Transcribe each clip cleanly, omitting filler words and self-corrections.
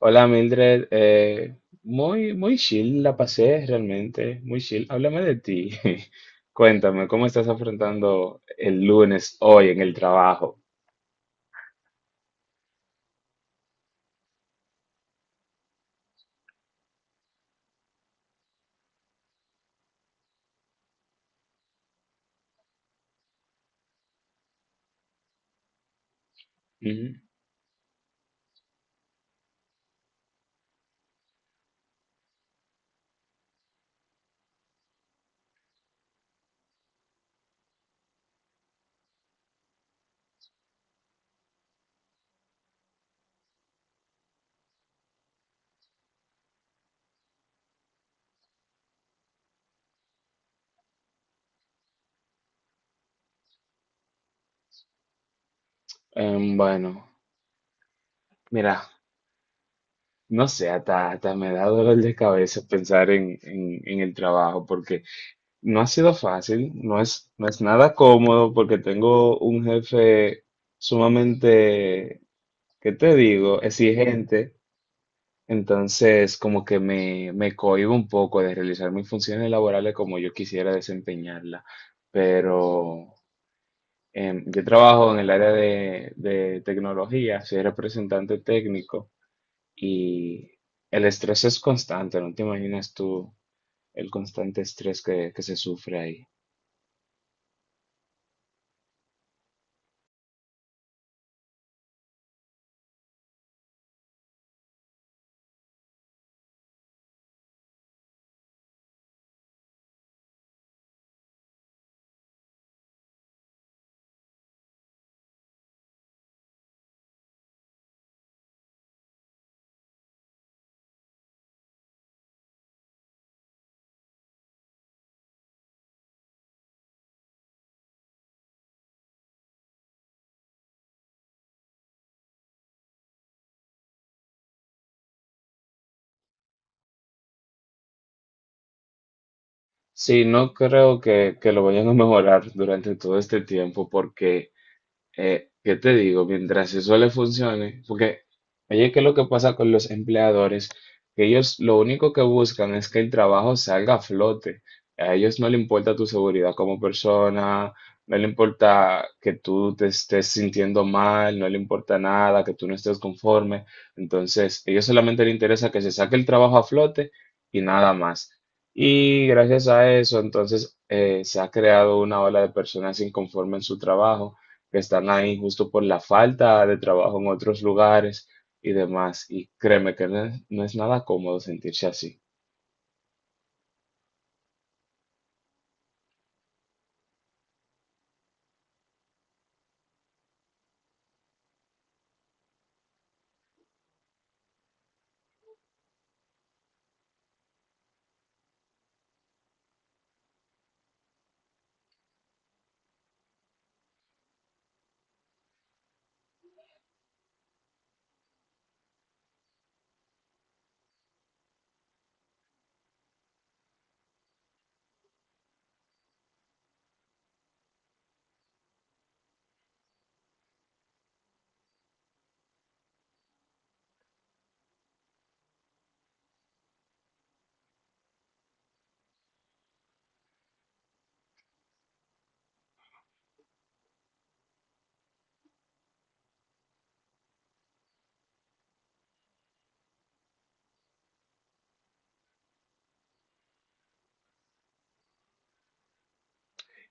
Hola Mildred, muy chill la pasé realmente, muy chill. Háblame de ti. Cuéntame, ¿cómo estás afrontando el lunes hoy en el trabajo? Ujú. Bueno, mira, no sé, hasta me da dolor de cabeza pensar en el trabajo porque no ha sido fácil, no es nada cómodo porque tengo un jefe sumamente, ¿qué te digo?, exigente. Entonces, como que me cohíbo un poco de realizar mis funciones laborales como yo quisiera desempeñarla. Pero yo trabajo en el área de tecnología, soy representante técnico y el estrés es constante, no te imaginas tú el constante estrés que se sufre ahí. Sí, no creo que lo vayan a mejorar durante todo este tiempo porque ¿qué te digo? Mientras eso le funcione, porque, oye, ¿qué es lo que pasa con los empleadores? Que ellos lo único que buscan es que el trabajo salga a flote. A ellos no le importa tu seguridad como persona, no le importa que tú te estés sintiendo mal, no le importa nada, que tú no estés conforme. Entonces, a ellos solamente les interesa que se saque el trabajo a flote y nada más. Y gracias a eso, entonces, se ha creado una ola de personas inconformes en su trabajo que están ahí justo por la falta de trabajo en otros lugares y demás. Y créeme que no es nada cómodo sentirse así.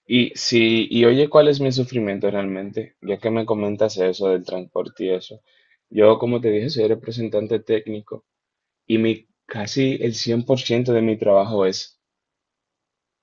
Y si, y oye, ¿cuál es mi sufrimiento realmente? Ya que me comentas eso del transporte y eso. Yo, como te dije, soy representante técnico y mi casi el 100% de mi trabajo es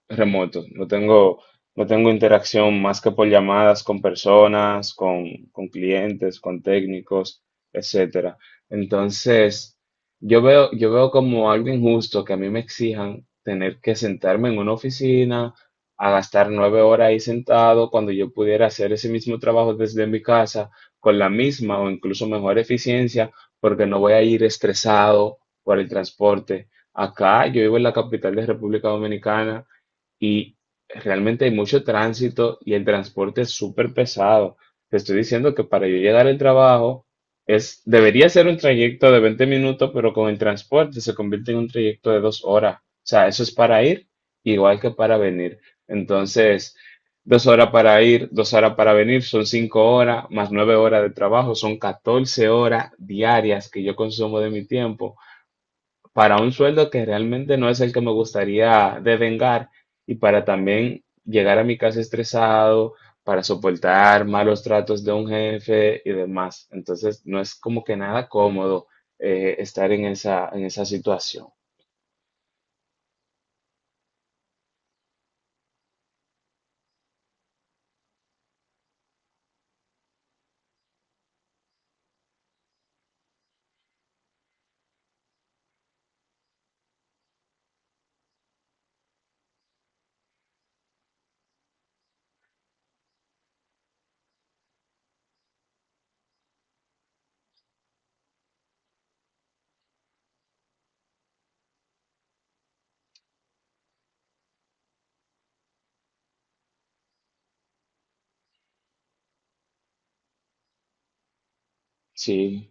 remoto. No tengo interacción más que por llamadas con personas, con clientes, con técnicos, etcétera. Entonces, yo veo como algo injusto que a mí me exijan tener que sentarme en una oficina a gastar 9 horas ahí sentado cuando yo pudiera hacer ese mismo trabajo desde mi casa con la misma o incluso mejor eficiencia porque no voy a ir estresado por el transporte. Acá yo vivo en la capital de República Dominicana y realmente hay mucho tránsito y el transporte es súper pesado. Te estoy diciendo que para yo llegar al trabajo es, debería ser un trayecto de 20 minutos, pero con el transporte se convierte en un trayecto de 2 horas. O sea, eso es para ir igual que para venir. Entonces, 2 horas para ir, 2 horas para venir, son 5 horas, más 9 horas de trabajo, son 14 horas diarias que yo consumo de mi tiempo para un sueldo que realmente no es el que me gustaría devengar y para también llegar a mi casa estresado, para soportar malos tratos de un jefe y demás. Entonces, no es como que nada cómodo estar en esa situación. Sí.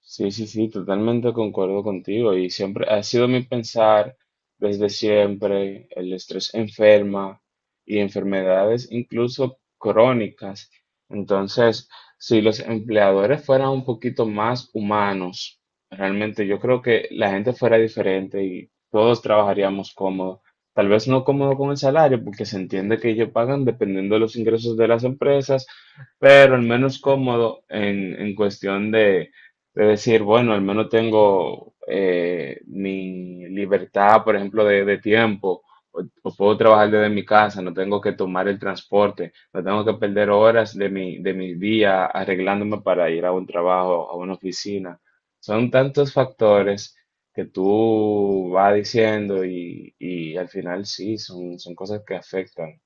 Sí, sí, sí, totalmente concuerdo contigo y siempre ha sido mi pensar desde siempre, el estrés enferma y enfermedades incluso crónicas. Entonces, si los empleadores fueran un poquito más humanos, realmente yo creo que la gente fuera diferente y todos trabajaríamos cómodo. Tal vez no cómodo con el salario, porque se entiende que ellos pagan dependiendo de los ingresos de las empresas, pero al menos cómodo en cuestión de decir, bueno, al menos tengo mi libertad, por ejemplo, de tiempo, o puedo trabajar desde mi casa, no tengo que tomar el transporte, no tengo que perder horas de mi día arreglándome para ir a un trabajo, a una oficina. Son tantos factores que tú vas diciendo y al final sí, son, son cosas que afectan.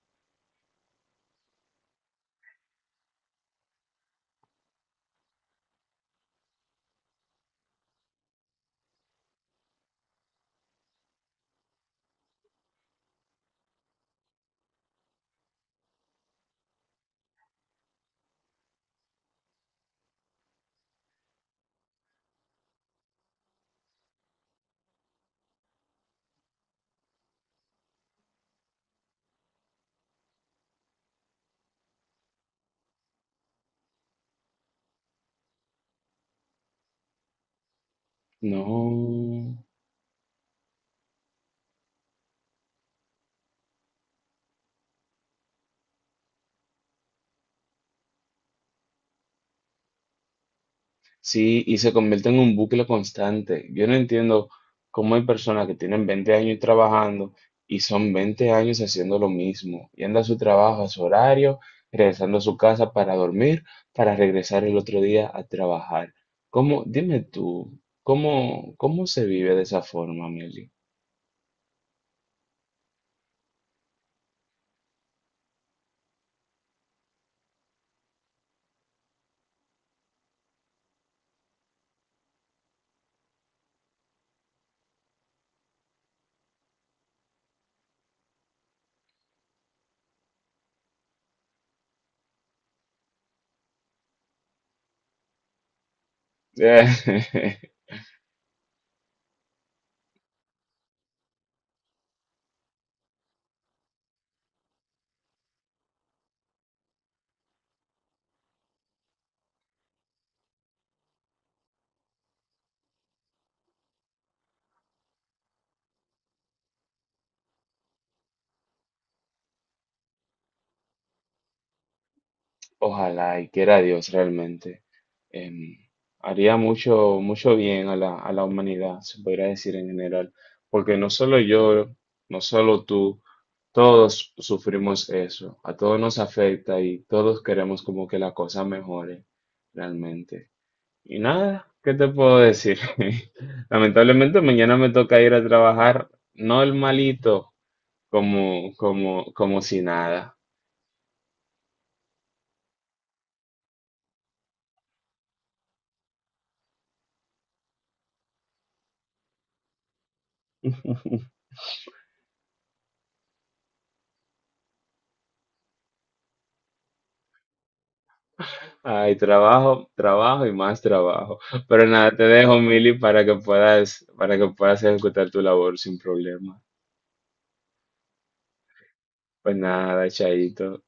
No. Sí, y se convierte en un bucle constante. Yo no entiendo cómo hay personas que tienen 20 años trabajando y son 20 años haciendo lo mismo, yendo a su trabajo, a su horario, regresando a su casa para dormir, para regresar el otro día a trabajar. ¿Cómo, dime tú, cómo, cómo se vive de esa forma, Meli? Ojalá y quiera Dios realmente. Em, haría mucho, mucho bien a la humanidad, se podría decir en general, porque no solo yo, no solo tú, todos sufrimos eso, a todos nos afecta y todos queremos como que la cosa mejore realmente. Y nada, ¿qué te puedo decir? Lamentablemente mañana me toca ir a trabajar normalito, como, como, como si nada. Ay, trabajo, trabajo y más trabajo. Pero nada, te dejo, Mili, para que puedas ejecutar tu labor sin problema. Pues nada, chaito.